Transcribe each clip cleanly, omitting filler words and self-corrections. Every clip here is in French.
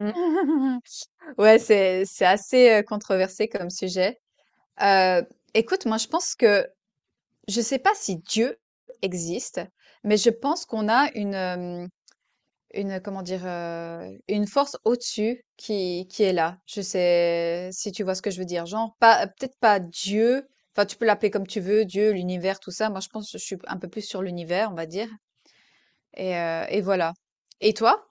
Mmh. Ouais, c'est assez, controversé comme sujet. Heu, Écoute, moi, je pense que je sais pas si Dieu existe, mais je pense qu'on a une comment dire? Une force au-dessus qui est là. Je sais si tu vois ce que je veux dire? Genre pas peut-être pas Dieu, enfin tu peux l'appeler comme tu veux, Dieu, l'univers, tout ça. Moi je pense que je suis un peu plus sur l'univers, on va dire et voilà. Et toi?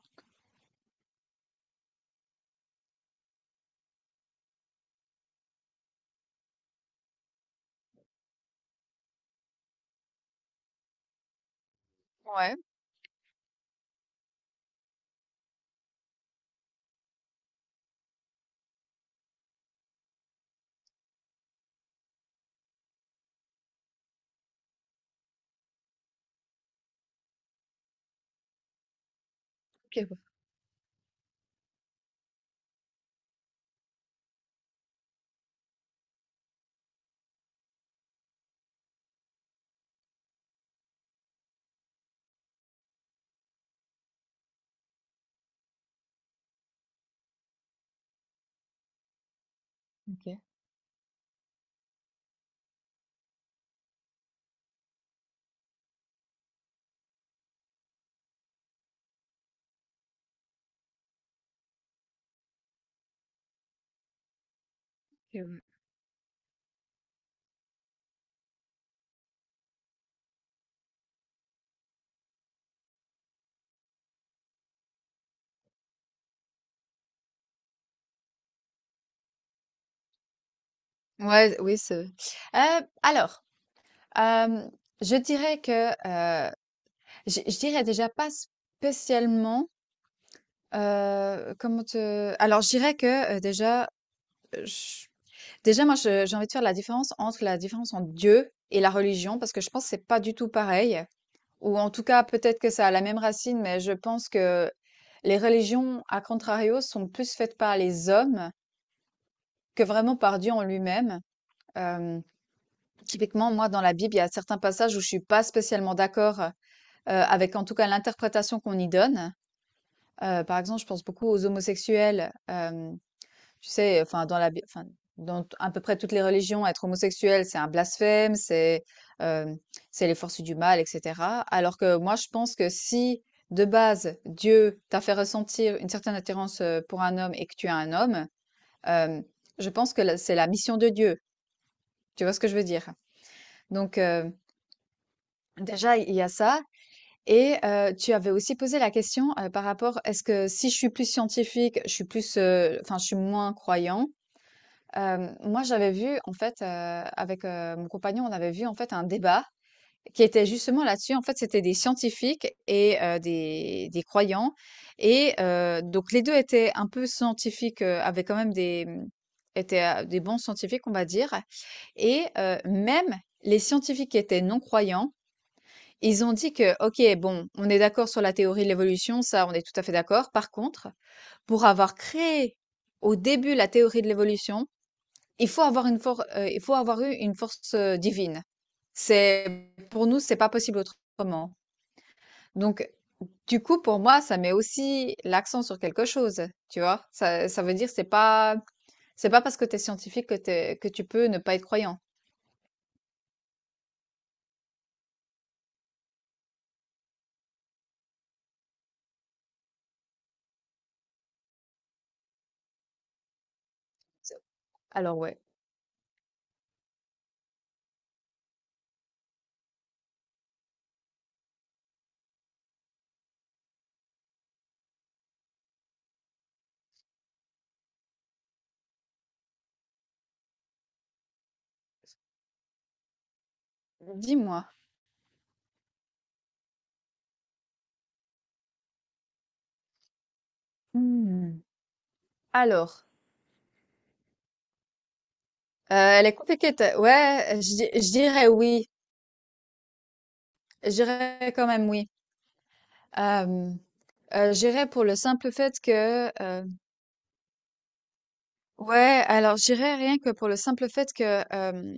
Ouais, OK, ouais, OK. Hem Ouais, Ouais, oui, c'est heu, alors, hem, je dirais que, je dirais déjà pas spécialement, comment te alors je dirais que, déjà. Heu, déjà moi je j'ai envie de faire la différence entre Dieu et la religion parce que je pense que c'est pas du tout pareil, ou en tout cas peut-être que ça a la même racine, mais je pense que les religions à contrario sont plus faites par les hommes que vraiment par Dieu en lui-même. Hem, typiquement moi dans la Bible, il y a certains passages où je suis pas spécialement d'accord, avec en tout cas l'interprétation qu'on y donne. Par exemple, je pense beaucoup aux homosexuels. Hem Tu sais, enfin, à peu près toutes les religions, être homosexuel, c'est un blasphème, euh, c'est les forces du mal, etc. Alors que moi, je pense que si de base Dieu t'a fait ressentir une certaine attirance pour un homme et que tu es un homme, euh, je pense que c'est la mission de Dieu. Tu vois ce que je veux dire? Donc déjà, il y a ça. Et tu avais aussi posé la question par rapport, est-ce que si je suis plus scientifique, je suis plus, je suis moins croyant. Moi, j'avais vu en fait, avec, mon compagnon, on avait vu en fait un débat qui était justement là-dessus. En fait, c'était des scientifiques et des croyants et donc les 2 étaient un peu scientifiques, avaient quand même des, mmh, étaient, des bons scientifiques, on va dire, et même les scientifiques qui étaient non-croyants, ils ont dit que: «OK, bon, on est d'accord sur la théorie de l'évolution, ça, on est tout à fait d'accord. Par contre, pour avoir créé au début la théorie de l'évolution, il faut avoir une force, il faut avoir eu une force divine. C'est pour nous, c'est pas possible autrement.» Donc, du coup, pour moi, ça met aussi l'accent sur quelque chose, tu vois. Ça veut dire c'est pas parce que t'es scientifique que que tu peux ne pas être croyant. Alors ouais, dis-moi. Hmm. Alors, elle est compliquée. Ouais, je dirais oui. Je dirais quand même oui. Euh, je dirais pour le simple fait que ouais, alors je dirais rien que pour le simple fait que,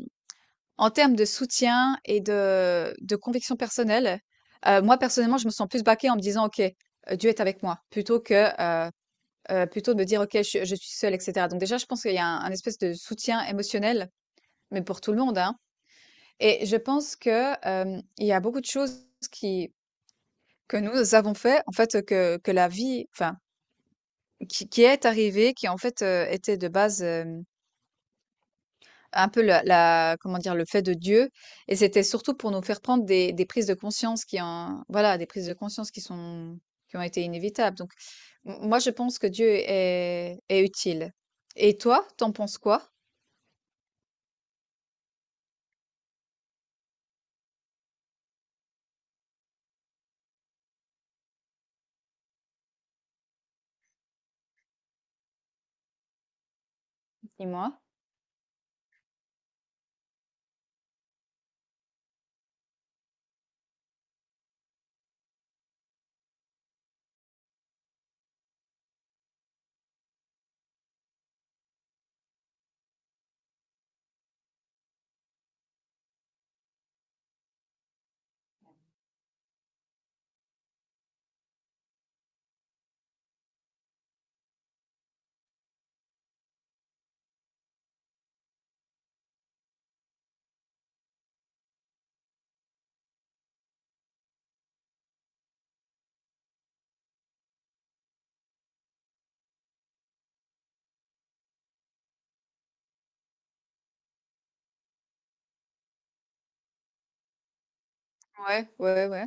en termes de soutien et de conviction personnelle, moi personnellement, je me sens plus backée en me disant: «OK, Dieu est avec moi», plutôt que, heu plutôt de me dire: «OK, je suis seule», et cetera. Donc déjà, je pense qu'il y a un espèce de soutien émotionnel, mais pour tout le monde, hein. Et je pense que, il y a beaucoup de choses qui que nous avons fait, en fait, que la vie enfin, qui est arrivée, qui en fait, était de base, un peu la comment dire? Le fait de Dieu, et c'était surtout pour nous faire prendre des prises de conscience qui en voilà, des prises de conscience qui sont qui ont été inévitables. Donc m moi, je pense que Dieu est utile. Et toi, t'en penses quoi? Dis-moi? Ouais, ouais, ouais.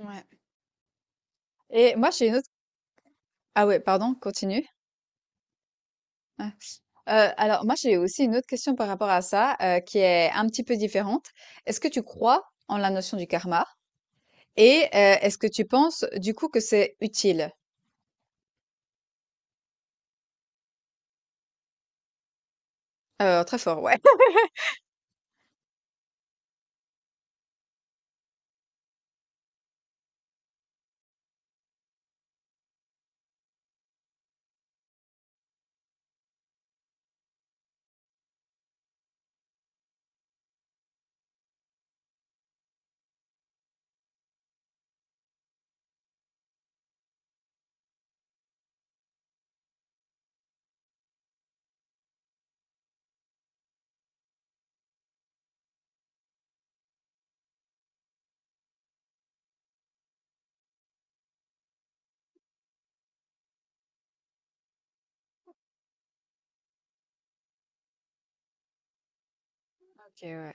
Ouais. Et moi, j'ai une autre, ah ouais, pardon, continue. Ah, alors moi, j'ai aussi une autre question par rapport à ça, qui est un petit peu différente. Est-ce que tu crois en la notion du karma? Et est-ce que tu penses, du coup, que c'est utile? Très fort, ouais. OK, ouais.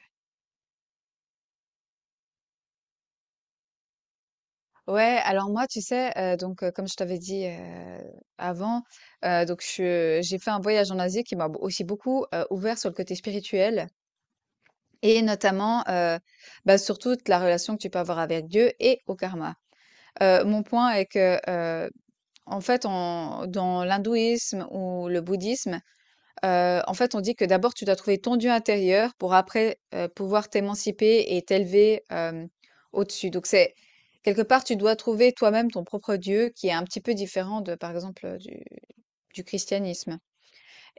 Ouais, alors moi, tu sais, comme je t'avais dit, avant, donc je j'ai fait un voyage en Asie qui m'a b aussi beaucoup, ouvert sur le côté spirituel et notamment, bah, sur toute la relation que tu peux avoir avec Dieu et au karma. Mon point est que, en fait, en dans l'hindouisme ou le bouddhisme, en fait, on dit que d'abord tu dois trouver ton Dieu intérieur pour après, pouvoir t'émanciper et t'élever, au-dessus. Donc c'est, quelque part, tu dois trouver toi-même ton propre Dieu qui est un petit peu différent de, par exemple, du christianisme.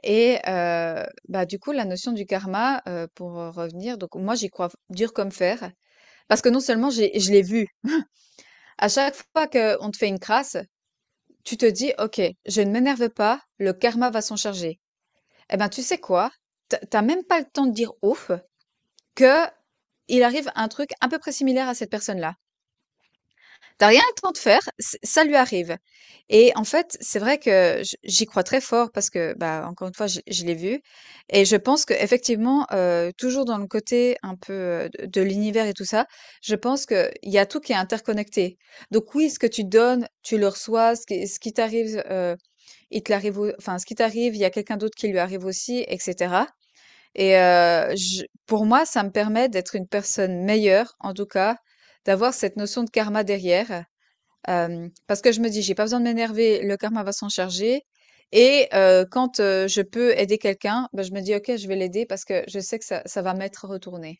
Et bah, du coup, la notion du karma, donc moi, j'y crois dur comme fer parce que non seulement j'ai je l'ai vu. À chaque fois qu'on te fait une crasse, tu te dis: «OK, je ne m'énerve pas, le karma va s'en charger». Eh ben, tu sais quoi? Tu as même pas le temps de dire «ouf» que il arrive un truc à peu près similaire à cette personne-là. T'as rien le temps de faire, ç ça lui arrive, et en fait, c'est vrai que j'y crois très fort parce que, bah, encore une fois, je l'ai vu. Et je pense qu'effectivement, toujours dans le côté un peu, de l'univers et tout ça, je pense que il y a tout qui est interconnecté. Donc oui, ce que tu donnes, tu le reçois, ce qui t'arrive, il te l'arrive au enfin, ce qui t'arrive, il y a quelqu'un d'autre qui lui arrive aussi, et cetera. Et je pour moi, ça me permet d'être une personne meilleure, en tout cas, d'avoir cette notion de karma derrière, parce que je me dis: «J'ai pas besoin de m'énerver, le karma va s'en charger». Et quand, je peux aider quelqu'un, ben je me dis: «OK, je vais l'aider», parce que je sais que ça va m'être retourné.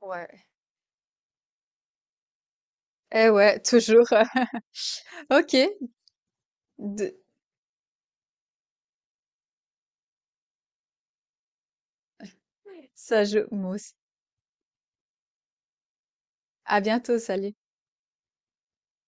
Ouais. Eh ouais, toujours. OK, de ça joue, moi. À bientôt, salut.